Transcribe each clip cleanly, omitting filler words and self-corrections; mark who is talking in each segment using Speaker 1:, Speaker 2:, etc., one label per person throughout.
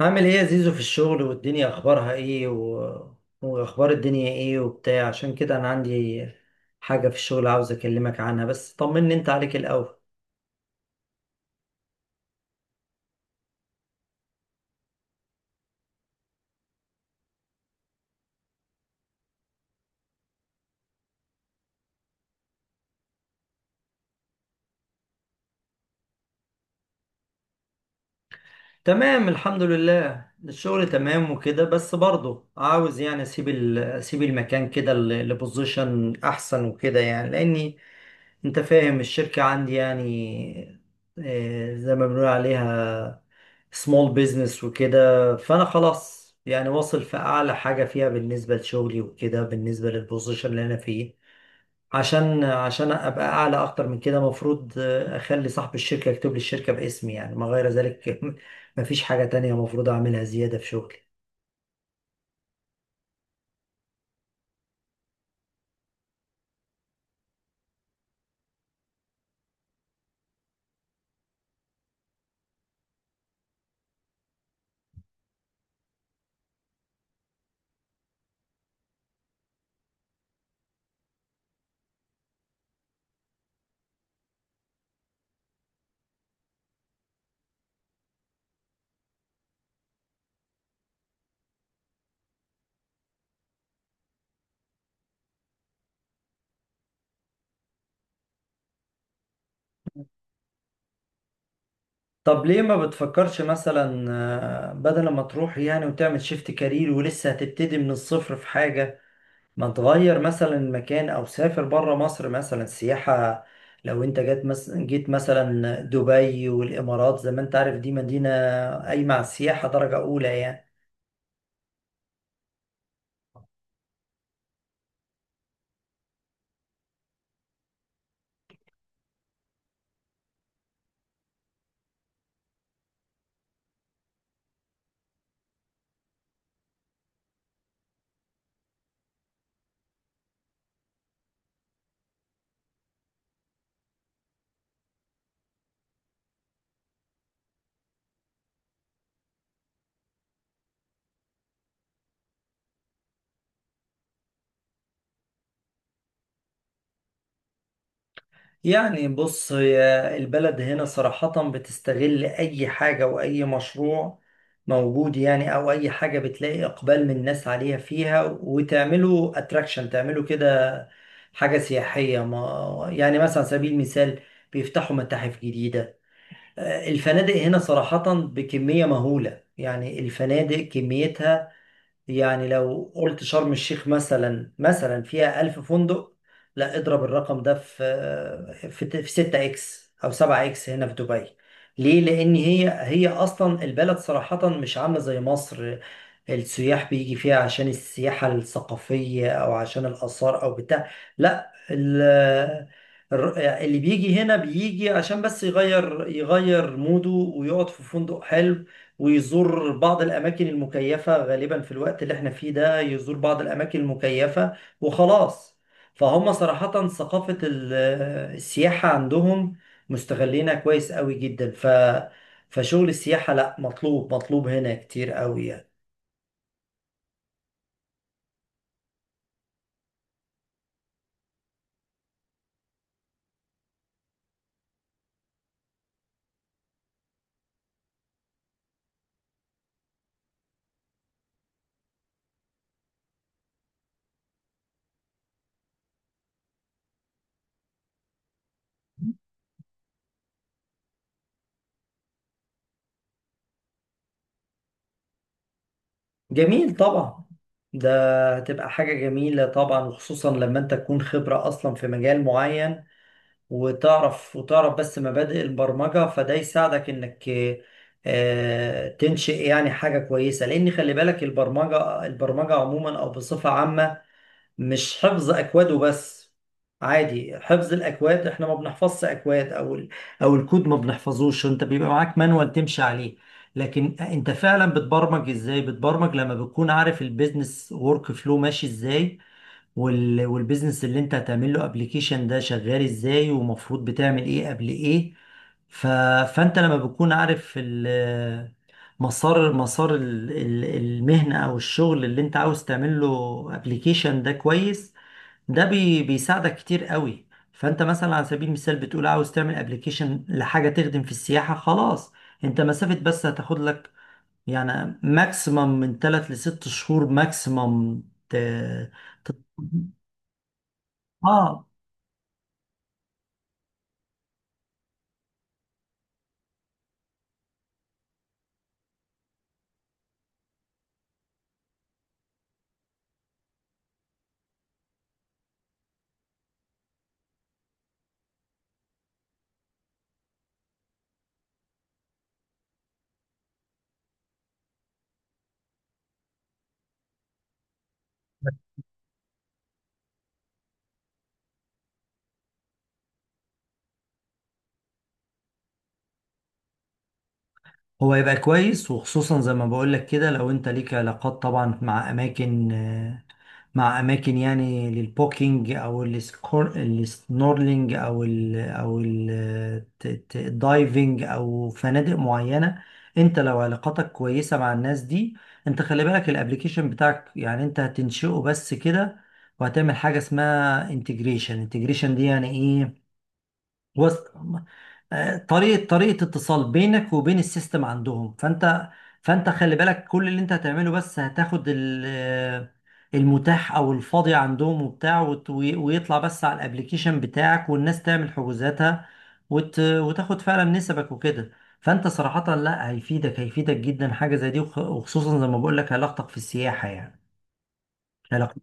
Speaker 1: عامل ايه يا زيزو في الشغل؟ والدنيا اخبارها ايه، واخبار الدنيا ايه وبتاع؟ عشان كده انا عندي حاجة في الشغل عاوز اكلمك عنها، بس طمني انت عليك الاول. تمام، الحمد لله، الشغل تمام وكده، بس برضه عاوز يعني اسيب المكان كده لبوزيشن احسن وكده يعني، لاني انت فاهم الشركة عندي يعني زي ما بنقول عليها سمول بيزنس وكده. فانا خلاص يعني واصل في اعلى حاجه فيها بالنسبه لشغلي وكده، بالنسبه للبوزيشن اللي انا فيه، عشان ابقى اعلى اكتر من كده، المفروض اخلي صاحب الشركه يكتب لي الشركه باسمي يعني، ما غير ذلك. مفيش حاجه تانية المفروض اعملها زياده في شغلي. طب ليه ما بتفكرش مثلا بدل ما تروح يعني وتعمل شيفت كارير ولسه هتبتدي من الصفر في حاجه؟ ما انت غير مثلا مكان، او سافر بره مصر مثلا سياحة. لو انت جيت مثلا دبي والامارات، زي ما انت عارف دي مدينة قايمة على السياحة درجة اولى يعني. يعني بص، هي البلد هنا صراحة بتستغل اي حاجة واي مشروع موجود يعني، او اي حاجة بتلاقي اقبال من الناس عليها فيها، وتعمله اتراكشن، تعمله كده حاجة سياحية ما، يعني مثلا على سبيل المثال بيفتحوا متاحف جديدة. الفنادق هنا صراحة بكمية مهولة، يعني الفنادق كميتها، يعني لو قلت شرم الشيخ مثلا فيها 1000 فندق، لا اضرب الرقم ده في، في 6 اكس أو 7 اكس هنا في دبي. ليه؟ لأن هي هي أصلا البلد صراحة مش عاملة زي مصر، السياح بيجي فيها عشان السياحة الثقافية أو عشان الآثار أو بتاع. لا، اللي بيجي هنا بيجي عشان بس يغير يغير موده ويقعد في فندق حلو، ويزور بعض الأماكن المكيفة غالبا في الوقت اللي احنا فيه ده، يزور بعض الأماكن المكيفة وخلاص. فهم صراحة ثقافة السياحة عندهم، مستغلينها كويس قوي جدا، فشغل السياحة لا، مطلوب مطلوب هنا كتير قوي. جميل طبعا، ده هتبقى حاجة جميلة طبعا، وخصوصا لما انت تكون خبرة اصلا في مجال معين، وتعرف، وتعرف بس مبادئ البرمجة، فده يساعدك انك تنشئ يعني حاجة كويسة، لان خلي بالك البرمجة، البرمجة عموما او بصفة عامة، مش حفظ اكواده بس، عادي حفظ الاكواد احنا ما بنحفظش اكواد، او او الكود ما بنحفظوش، انت بيبقى معاك مانوال تمشي عليه. لكن انت فعلا بتبرمج ازاي؟ بتبرمج لما بتكون عارف البيزنس ورك فلو ماشي ازاي، والبيزنس اللي انت هتعمل له ابلكيشن ده شغال ازاي، ومفروض بتعمل ايه قبل ايه. ف... فانت لما بتكون عارف مسار، مسار المهنة او الشغل اللي انت عاوز تعمل له ابلكيشن ده كويس، ده بيساعدك كتير قوي. فانت مثلا على سبيل المثال بتقول عاوز تعمل ابلكيشن لحاجة تخدم في السياحة، خلاص انت مسافة بس هتاخد لك، يعني ماكسيمم من 3 ل 6 شهور ماكسيمم ت... اه. هو يبقى كويس، وخصوصا زي ما بقول لك كده، لو انت ليك علاقات طبعا مع اماكن، يعني للبوكينج، او السنورلينج، او الدايفنج، او فنادق معينه. انت لو علاقاتك كويسه مع الناس دي، انت خلي بالك الابليكيشن بتاعك، يعني انت هتنشئه بس كده، وهتعمل حاجه اسمها انتجريشن. انتجريشن دي يعني ايه؟ وصل، طريقة، طريقة اتصال بينك وبين السيستم عندهم. فانت، خلي بالك كل اللي انت هتعمله بس، هتاخد المتاح او الفاضي عندهم وبتاع، ويطلع بس على الابليكيشن بتاعك والناس تعمل حجوزاتها، وتاخد فعلا نسبك وكده. فانت صراحة لا، هيفيدك، هيفيدك جدا حاجة زي دي، وخصوصا زي ما بقول لك علاقتك في السياحة يعني، علاقتك.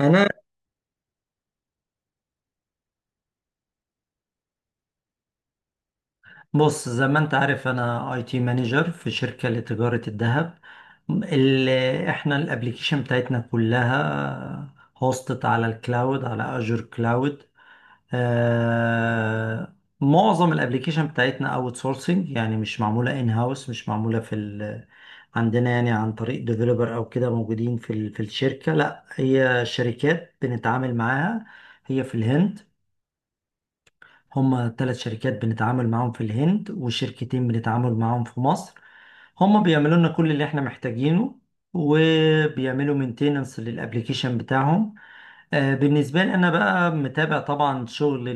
Speaker 1: انا بص، زي ما انت عارف انا اي تي مانجر في شركة لتجارة الذهب، اللي احنا الابليكيشن بتاعتنا كلها هوستت على الكلاود، على اجور كلاود. آه معظم الابليكيشن بتاعتنا اوت سورسنج، يعني مش معمولة ان هاوس، مش معمولة في عندنا يعني عن طريق ديفلوبر او كده موجودين في في الشركة. لا، هي شركات بنتعامل معاها، هي في الهند. هما 3 شركات بنتعامل معاهم في الهند، وشركتين بنتعامل معاهم في مصر، هما بيعملوا لنا كل اللي احنا محتاجينه وبيعملوا مينتيننس للابليكيشن بتاعهم. بالنسبة لي انا بقى متابع طبعا شغل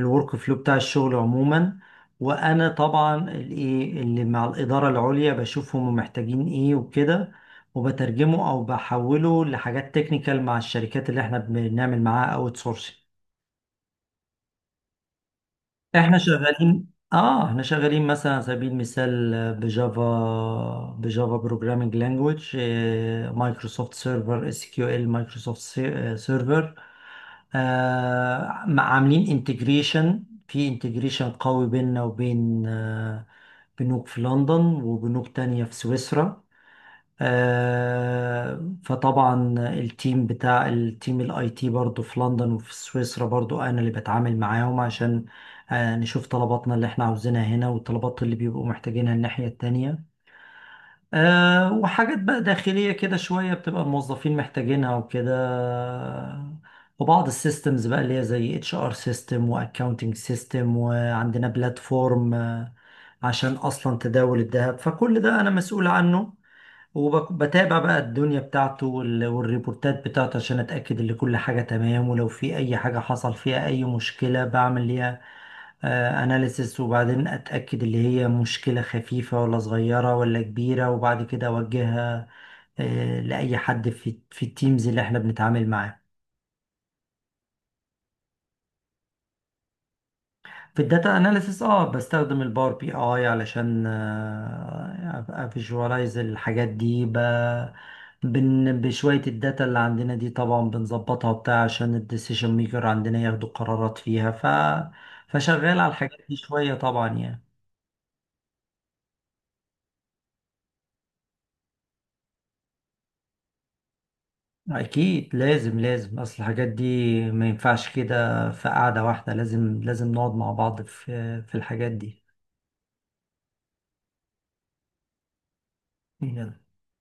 Speaker 1: الورك فلو بتاع الشغل عموما، وانا طبعا الايه اللي مع الإدارة العليا، بشوف هما محتاجين ايه وكده، وبترجمه او بحوله لحاجات تكنيكال مع الشركات اللي احنا بنعمل معاها اوت سورسنج. احنا شغالين، مثلا على سبيل المثال بجافا، بجافا بروجرامينج لانجويج، مايكروسوفت سيرفر اس كيو ال مايكروسوفت سيرفر. عاملين انتجريشن، في انتجريشن قوي بيننا وبين بنوك في لندن وبنوك تانية في سويسرا. فطبعا التيم الاي تي برضو في لندن وفي سويسرا برضو، انا اللي بتعامل معاهم عشان نشوف طلباتنا اللي احنا عاوزينها هنا، والطلبات اللي بيبقوا محتاجينها الناحية التانية، وحاجات بقى داخلية كده شوية بتبقى الموظفين محتاجينها وكده، وبعض السيستمز بقى اللي هي زي اتش ار سيستم واكاونتنج سيستم، وعندنا بلاتفورم عشان اصلا تداول الذهب، فكل ده انا مسؤول عنه، وبتابع بقى الدنيا بتاعته والريبورتات بتاعته عشان اتاكد ان كل حاجه تمام، ولو في اي حاجه حصل فيها اي مشكله بعمل ليها اناليسس، وبعدين اتاكد اللي هي مشكله خفيفه ولا صغيره ولا كبيره، وبعد كده اوجهها لاي حد في التيمز اللي احنا بنتعامل معاه. في الداتا اناليسيس بستخدم الباور بي اي علشان افيجواليز الحاجات دي، بشوية الداتا اللي عندنا دي، طبعا بنظبطها بتاع عشان الديسيشن ميكر عندنا ياخدوا قرارات فيها، فشغال على الحاجات دي شوية طبعا يعني. اكيد لازم، لازم اصل الحاجات دي ما ينفعش كده في قعدة واحدة، لازم لازم نقعد مع بعض في الحاجات دي.